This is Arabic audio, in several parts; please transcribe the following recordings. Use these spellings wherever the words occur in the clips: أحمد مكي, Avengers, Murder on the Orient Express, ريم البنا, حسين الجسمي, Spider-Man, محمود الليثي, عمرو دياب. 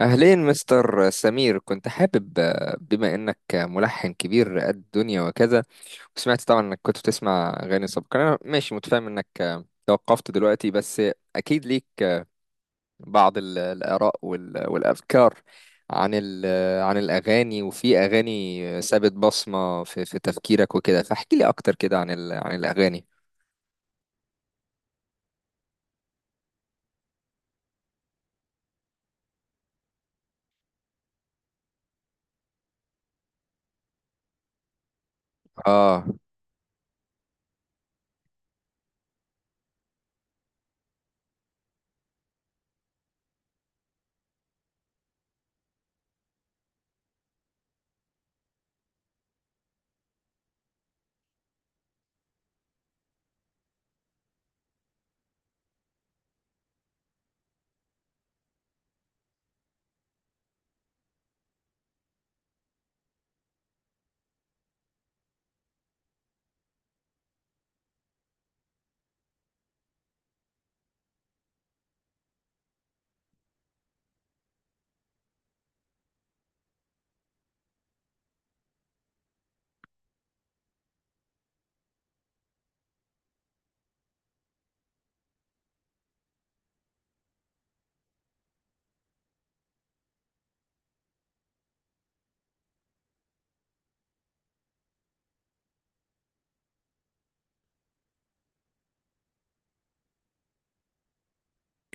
أهلين مستر سمير، كنت حابب بما إنك ملحن كبير قد الدنيا وكذا، وسمعت طبعا إنك كنت بتسمع أغاني سابقا. أنا ماشي متفاهم إنك توقفت دلوقتي، بس أكيد ليك بعض الآراء والأفكار عن ال- آه، عن الأغاني، وفي أغاني سابت بصمة في تفكيرك وكده. فاحكي لي أكتر كده عن عن الأغاني. آه.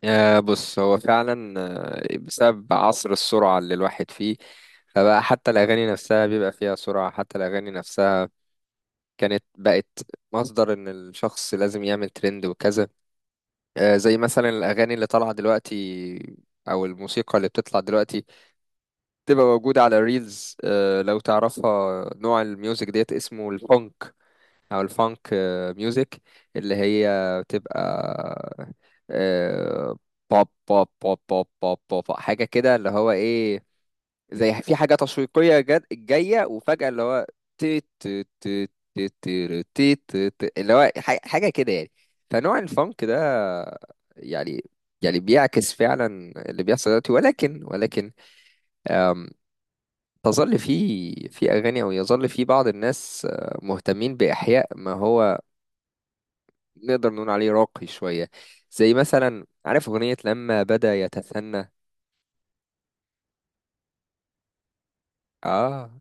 بص، هو فعلا بسبب عصر السرعة اللي الواحد فيه، فبقى حتى الأغاني نفسها بيبقى فيها سرعة. حتى الأغاني نفسها كانت بقت مصدر إن الشخص لازم يعمل ترند وكذا. زي مثلا الأغاني اللي طالعة دلوقتي أو الموسيقى اللي بتطلع دلوقتي تبقى موجودة على الريلز. لو تعرفها، نوع الميوزك ديت اسمه الفونك او الفانك ميوزك، اللي هي بتبقى آه، بوب بوب بوب بوب بوب بوب، حاجه كده، اللي هو ايه، زي في حاجه تشويقيه جد جايه، وفجاه اللي هو تي تي تي تي تي تي تي تي، اللي هو حاجه كده يعني. فنوع الفانك ده، يعني يعني بيعكس فعلا اللي بيحصل دلوقتي. ولكن تظل في اغاني، او يظل في بعض الناس مهتمين باحياء ما هو نقدر نقول عليه راقي شوية، زي مثلا عارف أغنية لما بدأ يتثنى. آه.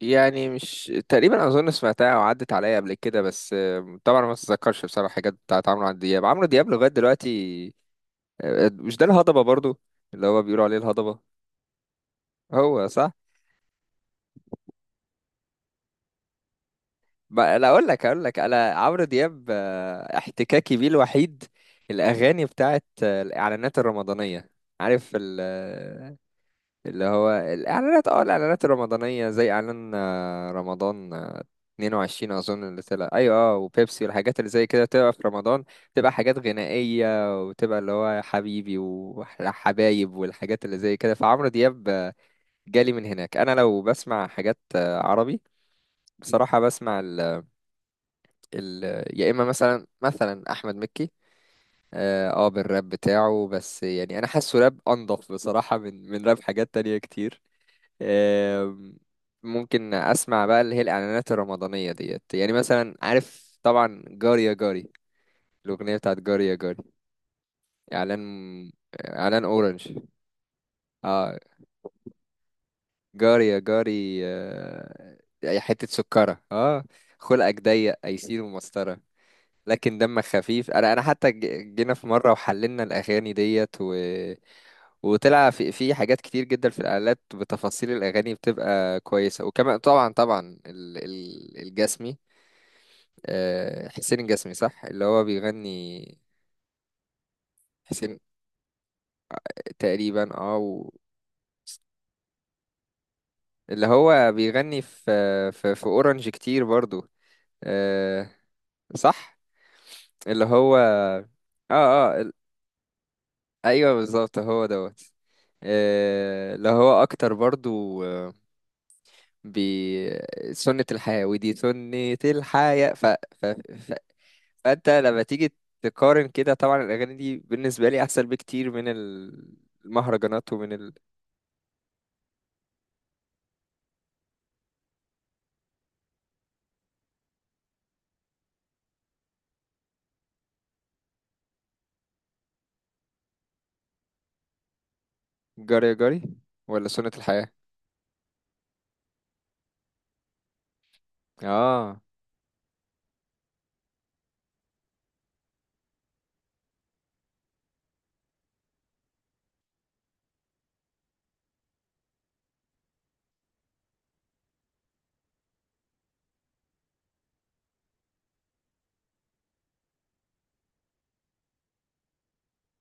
يعني مش تقريبا أظن سمعتها أو عدت عليا قبل كده، بس طبعا ما أتذكرش بصراحة حاجات بتاعت عمرو دياب لغاية دلوقتي. مش ده الهضبة برضو، اللي هو بيقولوا عليه الهضبة؟ هو صح. ما لا أقول لك أنا، عمرو دياب احتكاكي بيه الوحيد الأغاني بتاعت الإعلانات الرمضانية. عارف اللي هو الإعلانات، اه، الإعلانات الرمضانية، زي إعلان رمضان 22 أظن اللي طلع، أيوة، اه، وبيبسي والحاجات اللي زي كده تبقى في رمضان، تبقى حاجات غنائية، وتبقى اللي هو حبيبي وحبايب والحاجات اللي زي كده. فعمرو دياب جالي من هناك. أنا لو بسمع حاجات عربي بصراحة، بسمع ال ال يا إما مثلا أحمد مكي، اه، بالراب بتاعه، بس يعني انا حاسه راب انضف بصراحة من راب حاجات تانية كتير. آم، ممكن اسمع بقى اللي هي الاعلانات الرمضانيه ديت، يعني مثلا عارف طبعا جاري يا جاري، الاغنيه بتاعت جاري يا جاري، اعلان اعلان اورنج، اه. جاري يا جاري يا حته سكره، اه، خلقك ضيق ايسين ومسطره، لكن دمك خفيف. انا حتى جينا في مره وحللنا الاغاني ديت، و... وطلع في في حاجات كتير جدا في الاعلانات، بتفاصيل الاغاني بتبقى كويسه. وكمان طبعا الجسمي حسين الجسمي، صح، اللي هو بيغني. حسين، تقريبا، اه. و... اللي هو بيغني في في اورنج كتير برضو آه، صح. اللي هو، اه، اه، ايوه بالظبط هو دوت. اللي هو اكتر برضو بي سنة الحياة. ودي سنة الحياة. ف... ف... ف... فانت لما تيجي تقارن كده، طبعا الاغاني دي بالنسبة لي احسن بكتير من المهرجانات، ومن جري جري ولا سنة الحياة. اه،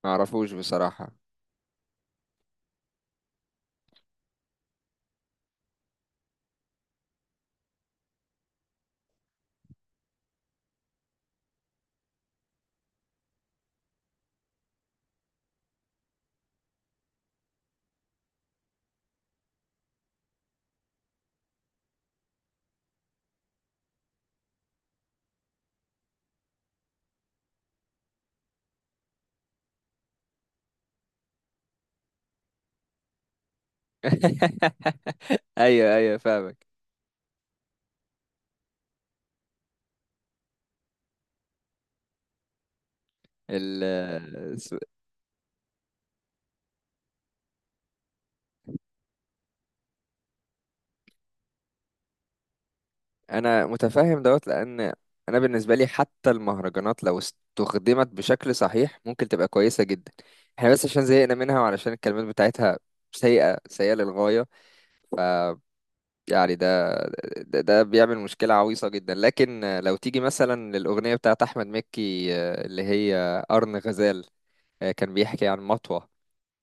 ما اعرفوش بصراحة. ايوه، ايوه، فاهمك. ال الس- انا متفهم دوت، لان انا بالنسبة لي حتى المهرجانات لو استخدمت بشكل صحيح ممكن تبقى كويسة جدا. احنا بس عشان زهقنا منها وعلشان الكلمات بتاعتها سيئة، سيئة للغاية يعني. ده بيعمل مشكلة عويصة جدا. لكن لو تيجي مثلا للأغنية بتاعت أحمد مكي اللي هي قرن غزال، كان بيحكي عن مطوة،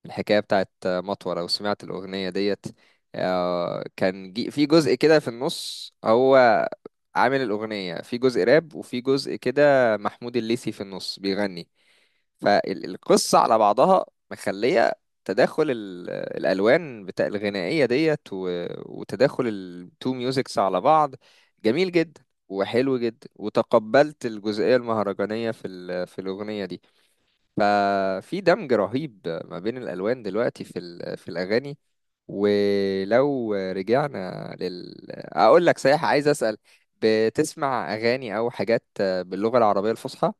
الحكاية بتاعت مطوة. لو سمعت الأغنية ديت كان في جزء كده في النص، هو عامل الأغنية في جزء راب وفي جزء كده محمود الليثي في النص بيغني. فالقصة على بعضها مخلية تداخل الألوان بتاع الغنائية ديت، و- وتداخل التو ميوزكس على بعض جميل جدا وحلو جدا. وتقبلت الجزئية المهرجانية في في الأغنية دي. ففي دمج رهيب ما بين الألوان دلوقتي في في الأغاني. ولو رجعنا أقول لك، صحيح، عايز أسأل، بتسمع أغاني أو حاجات باللغة العربية الفصحى،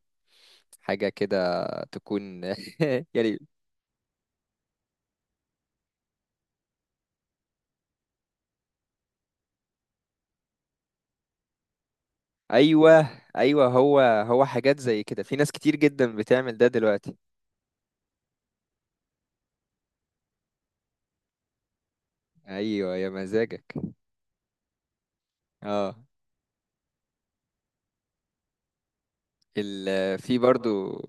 حاجة كده تكون يعني؟ أيوه، أيوه، هو حاجات زي كده، في ناس كتير جدا بتعمل ده دلوقتي. أيوه يا مزاجك، اه. في برضو،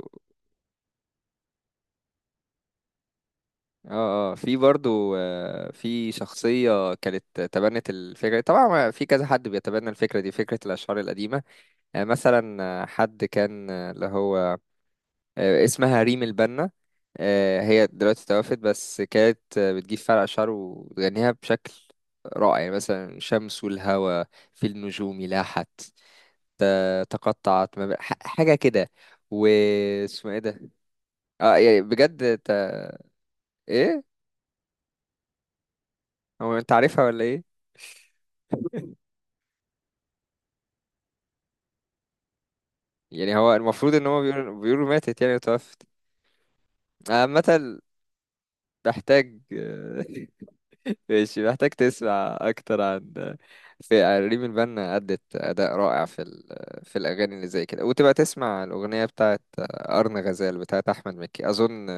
اه، اه، في برضو في شخصية كانت تبنت الفكرة، طبعا، في كذا حد بيتبنى الفكرة دي، فكرة الأشعار القديمة. مثلا حد كان اللي هو اسمها ريم البنا. هي دلوقتي توفت، بس كانت بتجيب فرع أشعار وتغنيها بشكل رائع. يعني مثلا شمس والهوى، في النجوم لاحت، تقطعت، ما حاجة كده، واسمه ايه ده. اه يعني بجد. ت... ايه؟ هو انت عارفها ولا ايه؟ يعني هو المفروض ان هو بيقولوا ماتت يعني، وتوفت عامة. محتاج. ماشي، محتاج تسمع اكتر عن، في ريم البنا أدت أداء رائع في في الأغاني اللي زي كده. وتبقى تسمع الأغنية بتاعت أرن غزال بتاعت أحمد مكي، أظن.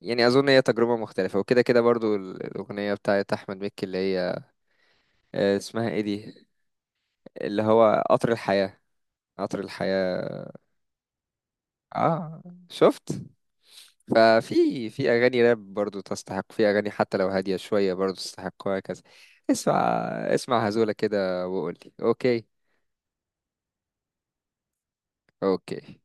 يعني أظن هي تجربة مختلفة وكده كده. برضو الأغنية بتاعت أحمد مكي اللي هي اسمها إيه دي، اللي هو قطر الحياة، قطر الحياة. آه، شفت. ففي اغاني راب برضو تستحق، في اغاني حتى لو هاديه شويه برضو تستحق، وهكذا. اسمع، اسمع هزوله كده وقول لي اوكي. اوكي.